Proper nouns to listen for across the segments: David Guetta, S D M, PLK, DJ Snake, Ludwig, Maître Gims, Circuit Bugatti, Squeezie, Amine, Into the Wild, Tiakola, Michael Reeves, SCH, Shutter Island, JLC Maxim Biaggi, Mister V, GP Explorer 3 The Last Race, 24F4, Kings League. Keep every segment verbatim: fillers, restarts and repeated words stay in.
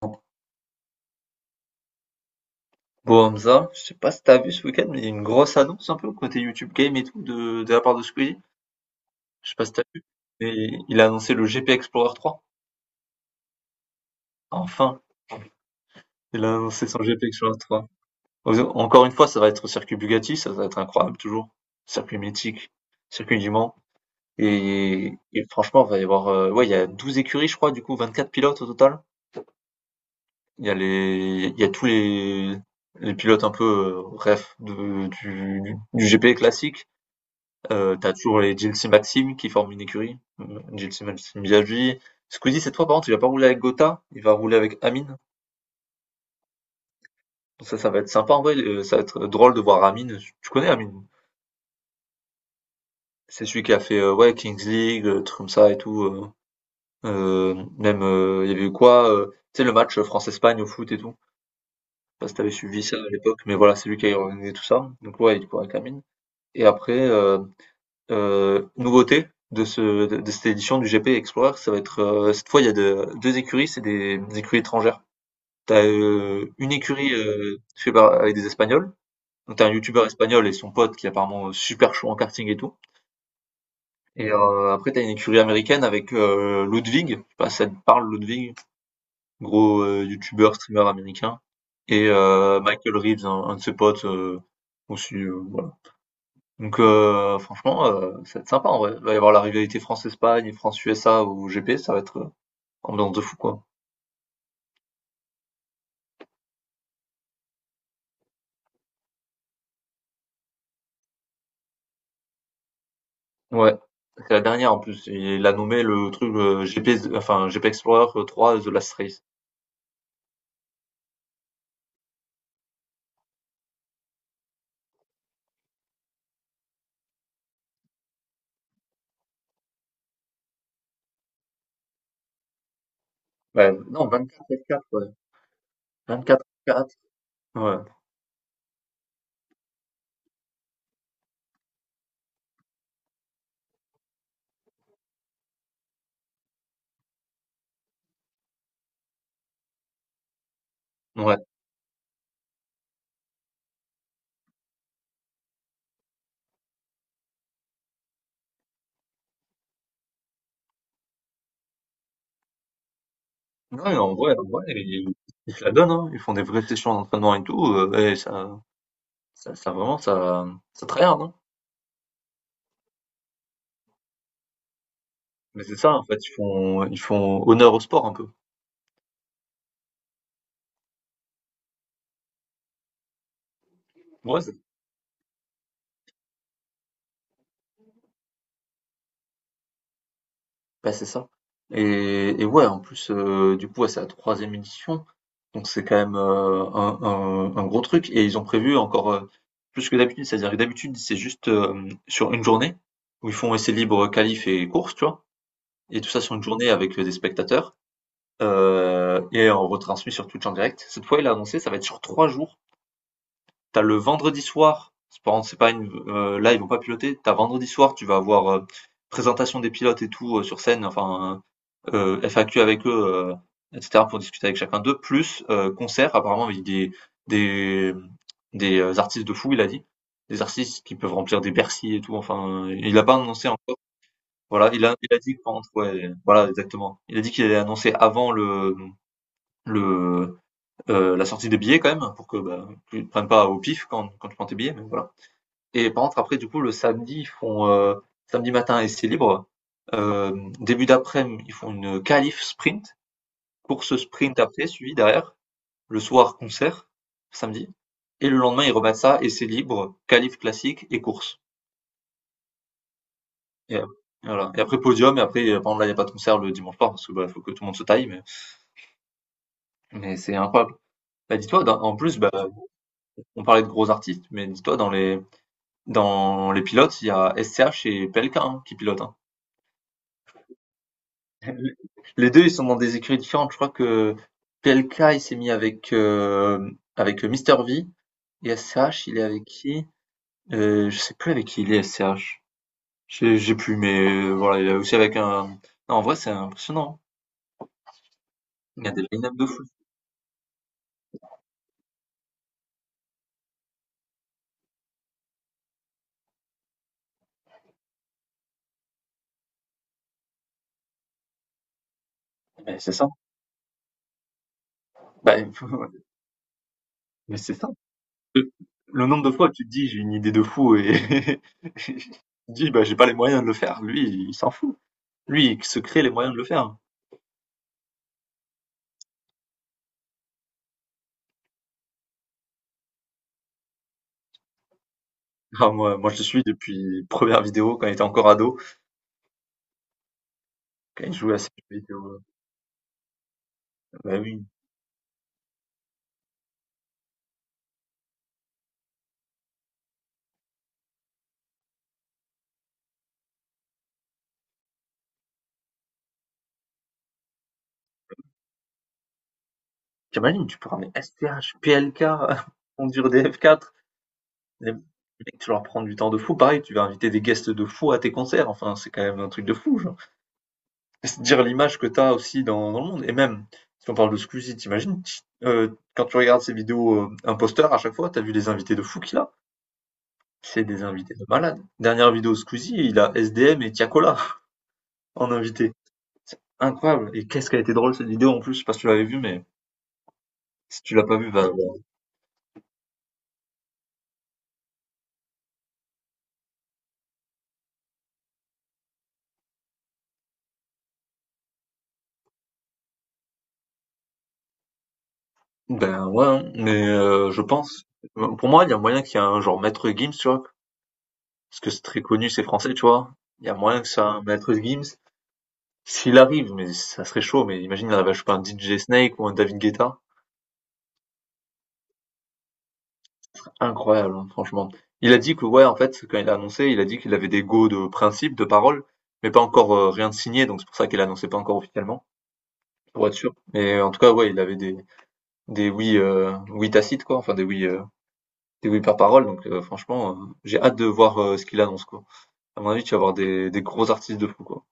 Bon Hamza, je sais pas si t'as vu ce week-end, mais il y a une grosse annonce un peu côté YouTube Game et tout de, de la part de Squeezie. Je sais pas si t'as vu, mais il a annoncé le G P Explorer trois. Enfin, il a annoncé son G P Explorer trois. Encore une fois, ça va être au circuit Bugatti, ça va être incroyable toujours. Circuit mythique, circuit du Mans. Et, et franchement, il va y avoir, euh, ouais, il y a douze écuries, je crois, du coup, vingt-quatre pilotes au total. Il y a les, il y a tous les, les pilotes un peu, euh, ref de, du, du G P classique. Heu, tu toujours les J L C Maxim qui forment une écurie, heu, J L C Maxim Biaggi. Squeezie cette fois par contre il va pas rouler avec Gotha, il va rouler avec Amine. Donc Ça, ça va être sympa en vrai, heu, ça va être drôle de voir Amine. Tu connais Amine? C'est celui qui a fait, heu, ouais, Kings League, heu, trucs comme ça et tout, heu, heu, même, heu, il y avait eu quoi, heu, tu sais le match France-Espagne au foot et tout? Je sais pas si tu suivi ça à l'époque, mais voilà, c'est lui qui a organisé tout ça. Donc ouais, il court avec Amine et après, heu Heu, nouveauté de ce de de cette édition du G P Explorer, ça va être, heu, cette fois il y a de deux écuries, c'est des des écuries étrangères. T'as as, une écurie, heu, fait par avec des Espagnols, donc t'as un youtubeur espagnol et son pote qui est apparemment, super chaud en karting et tout et heu, après t'as une écurie américaine avec, heu, Ludwig, je sais pas si ça te parle Ludwig? Gros, heu, youtubeur, streamer américain et heu, Michael Reeves, un un de ses potes, heu, aussi, heu, voilà. Donc heu, franchement, heu, ça va être sympa en vrai. Il va y avoir la rivalité France-Espagne et France-U S A au G P, ça va être, heu, ambiance de fou quoi. Ouais, c'est la dernière en plus, il l'a nommé le truc, heu, G P z enfin G P Explorer trois The Last Race. Ouais, non vingt-quatre F quatre ouais, vingt-quatre F quatre ouais, ouais. Non mais en vrai en vrai ils ils se la donnent, hein. Ils font des vraies sessions d'entraînement et tout, heu et ça ça ça vraiment ça ça tryhard, hein. Mais c'est ça en fait, ils font ils font honneur au sport un peu. Ouais, bah, c'est ça. Et et ouais, en plus, heu, du coup, ouais, c'est la troisième édition, donc c'est quand même, heu, un un un gros truc et ils ont prévu encore, heu, plus que d'habitude. C'est-à-dire que d'habitude, c'est juste, hem, sur une journée où ils font essai libre qualifs et course tu vois? Et tout ça sur une journée avec, heu, des spectateurs, heu et on retransmet sur Twitch en direct. Cette fois, il a annoncé, ça va être sur trois jours. T'as le vendredi soir, c'est par c'est pas une heu, là, ils vont pas piloter. T'as vendredi soir, tu vas avoir, heu, présentation des pilotes et tout, heu, sur scène, enfin, heu, F A Q avec eux, heu, et cetera pour discuter avec chacun d'eux, plus, heu, concert apparemment avec des des, mmh, des, euh, artistes de fou, il a dit. Des artistes qui peuvent remplir des Bercy et tout, enfin, il a pas annoncé encore. Voilà, il a il a dit quand, ouais, voilà exactement. Il a dit qu'il allait annoncer avant le le, heu, la sortie des billets quand même pour que, bah, tu te prennes pas au pif quand quand tu prends tes billets, mais voilà. Et par contre après du coup le samedi, ils font, heu, samedi matin essai libre, hem, début daprès midi ils font une qualif sprint course sprint après, suivi derrière, le soir concert, samedi, et le lendemain ils remettent ça, essais libres, qualifs classiques et courses. Et, euh, voilà. Et après podium, et après, euh, par exemple là il n'y a pas de concert le dimanche soir, parce que bah, faut que tout le monde se taille, mais, mais c'est incroyable. Bah, dis-toi, dans- en plus, bah, on parlait de gros artistes, mais dis-toi, dans les, dans les pilotes, il y a S C H et P L K, hein, qui pilotent, hein. Les deux, ils sont dans des écuries différentes. Je crois que P L K, il s'est mis avec, euh, avec Mister V, et S C H, il est avec qui? Heu, je sais plus avec qui il est S C H. J'ai j'ai plus, mais heu, voilà, il est aussi avec un non, en vrai, c'est impressionnant, hein. Il y a des line-up de fou. Beh, c'est ça. Bah, mais c'est ça. Le le nombre de fois que tu te dis: «J'ai une idée de fou» et tu te dis: «Bah, j'ai pas les moyens de le faire». Lui, il s'en fout. Lui, il se crée les moyens de le faire. Ah moi moi je le suis depuis première vidéo quand il était encore ado, quand il jouait à ces jeux vidéo, bah, oui. Tu imagines, tu peux ramener S C H, P L K, conduire des F quatre. Les mecs, tu leur prends du temps de fou. Pareil, tu vas inviter des guests de fou à tes concerts. Enfin, c'est quand même un truc de fou. Genre. C'est dire l'image que t'as aussi dans, dans le monde. Et même, si on parle de Squeezie, t'imagines, t- euh, quand tu regardes ses vidéos euh, imposteurs, à chaque fois, t'as vu les invités de fou qu'il a. C'est des invités de malade. Dernière vidéo Squeezie, il a S D M et Tiakola en invité. Incroyable. Et qu'est-ce qu'elle a été drôle cette vidéo en plus, je sais pas si tu l'avais vue, mais si tu l'as pas vue, va. voir. Ben ouais, hein. Mais euh, je pense. Pour moi, il y a moyen qu'il y ait un genre Maître Gims, tu vois, parce que c'est très connu, c'est français, tu vois? Il y a moyen que ça, Maître Gims. S'il arrive, mais ça serait chaud, mais imagine, il arrive à choper un D J Snake ou un David Guetta. Incroyable, hein, franchement. Il a dit que, ouais, en fait, quand il a annoncé, il a dit qu'il avait des go de principe, de parole, mais pas encore, euh, rien de signé, donc c'est pour ça qu'il annoncé pas encore officiellement, pour être sûr. Mais euh, en tout cas, ouais, il avait des, des oui, euh, oui tacites, quoi, enfin des oui, euh, des oui par parole, donc euh, franchement, euh, j'ai hâte de voir euh, ce qu'il annonce, quoi. À mon avis, tu vas avoir des, des gros artistes de fou, quoi.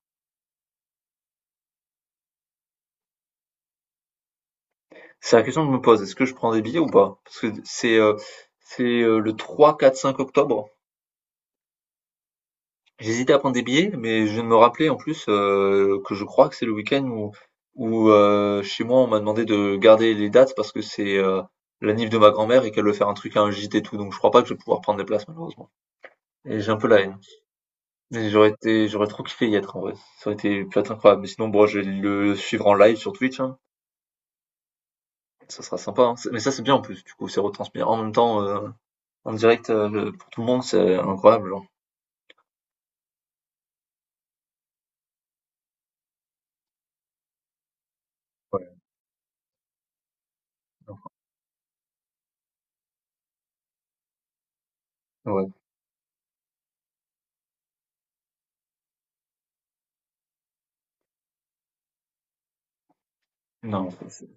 C'est la question que je me pose, est-ce que je prends des billets ou pas? Parce que c'est euh, c'est euh, le trois, quatre, cinq octobre. J'hésitais à prendre des billets, mais je viens de me rappeler en plus, euh, que je crois que c'est le week-end où, où euh, chez moi on m'a demandé de garder les dates parce que c'est, euh, la nif de ma grand-mère et qu'elle veut faire un truc à un gîte et tout, donc je crois pas que je vais pouvoir prendre des places malheureusement. Et j'ai un peu la haine. Mais j'aurais été, j'aurais trop kiffé y être en vrai. Ça aurait été peut-être incroyable. Mais sinon, bon, je vais le suivre en live sur Twitch, hein. Ça sera sympa, hein. C'est- Mais ça c'est bien en plus, du coup, c'est retransmis en même temps. euh, En direct, heu, le pour tout le monde, c'est incroyable, genre. Ouais, ouais. Non, c'est c'est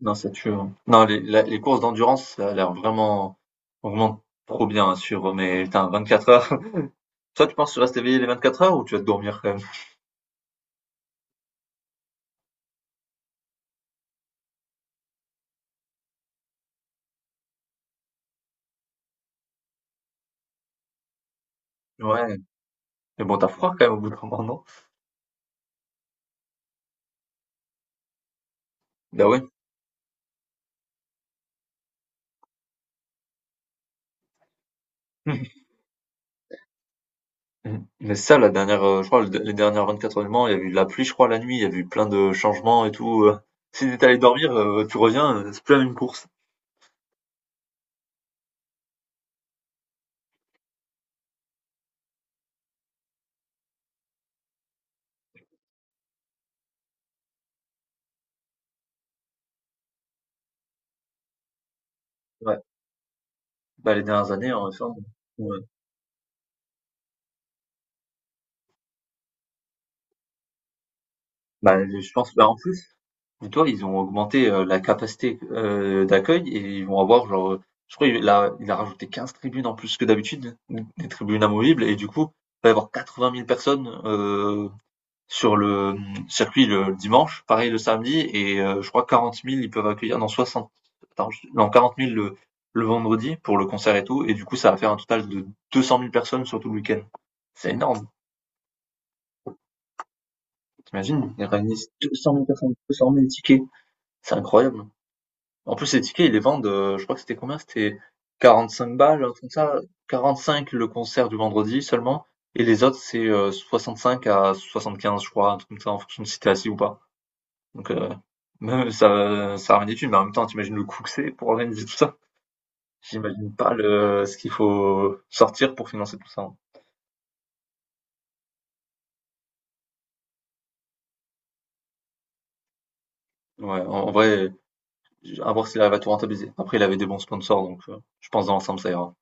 non, c'est tue, hein. Non, les la les courses d'endurance, ça a l'air vraiment vraiment trop bien à suivre, mais putain, quatre heures. Toi, tu penses que tu restes éveillé les vingt-quatre heures ou tu vas te dormir quand même? Ouais, mais bon, t'as froid quand même au bout d'un moment, non? Bah ouais. Mmh. Mais ça, la dernière, heu, je crois le les dernières vingt-quatre heures du Mans, il y a eu de la pluie, je crois, la nuit, il y a eu plein de changements et tout, heu. Si t'es allé dormir, heu, tu reviens, heu, c'est plus la même course. Ouais, bah, les dernières années, en effet, ouais. Bah, je pense, bah, en plus dis-toi, ils ont augmenté, euh, la capacité, euh, d'accueil et ils vont avoir genre, euh, je crois il a, il a rajouté quinze tribunes en plus que d'habitude, des tribunes amovibles et du coup, il va y avoir quatre-vingt mille personnes, euh, sur le, euh, circuit le, dimanche, pareil le samedi et, euh, je crois quarante mille ils peuvent accueillir, non soixante, attends, je- non quarante mille le, le vendredi pour le concert et tout et du coup ça va faire un total de deux cent mille personnes sur tout le week-end. C'est énorme, t'imagines, ils réunissent deux cent mille personnes, deux cent mille tickets, c'est incroyable. En plus, les tickets, ils les vendent, heu, je crois que c'était combien? C'était quarante-cinq balles, un truc comme ça. quarante-cinq le concert du vendredi seulement et les autres, c'est, heu, soixante-cinq à soixante-quinze, je crois, un truc comme ça, en fonction de si tu es assis ou pas. Donc, heu, même ça ça ramène des thunes, mais en même temps, t'imagines le coût que c'est pour organiser tout ça? J'imagine pas le ce qu'il faut sortir pour financer tout ça, hein. Ouais, en en vrai, à voir s'il arrive à tout rentabiliser. Après, il avait des bons sponsors, donc, heu, je pense dans l'ensemble, ça ira.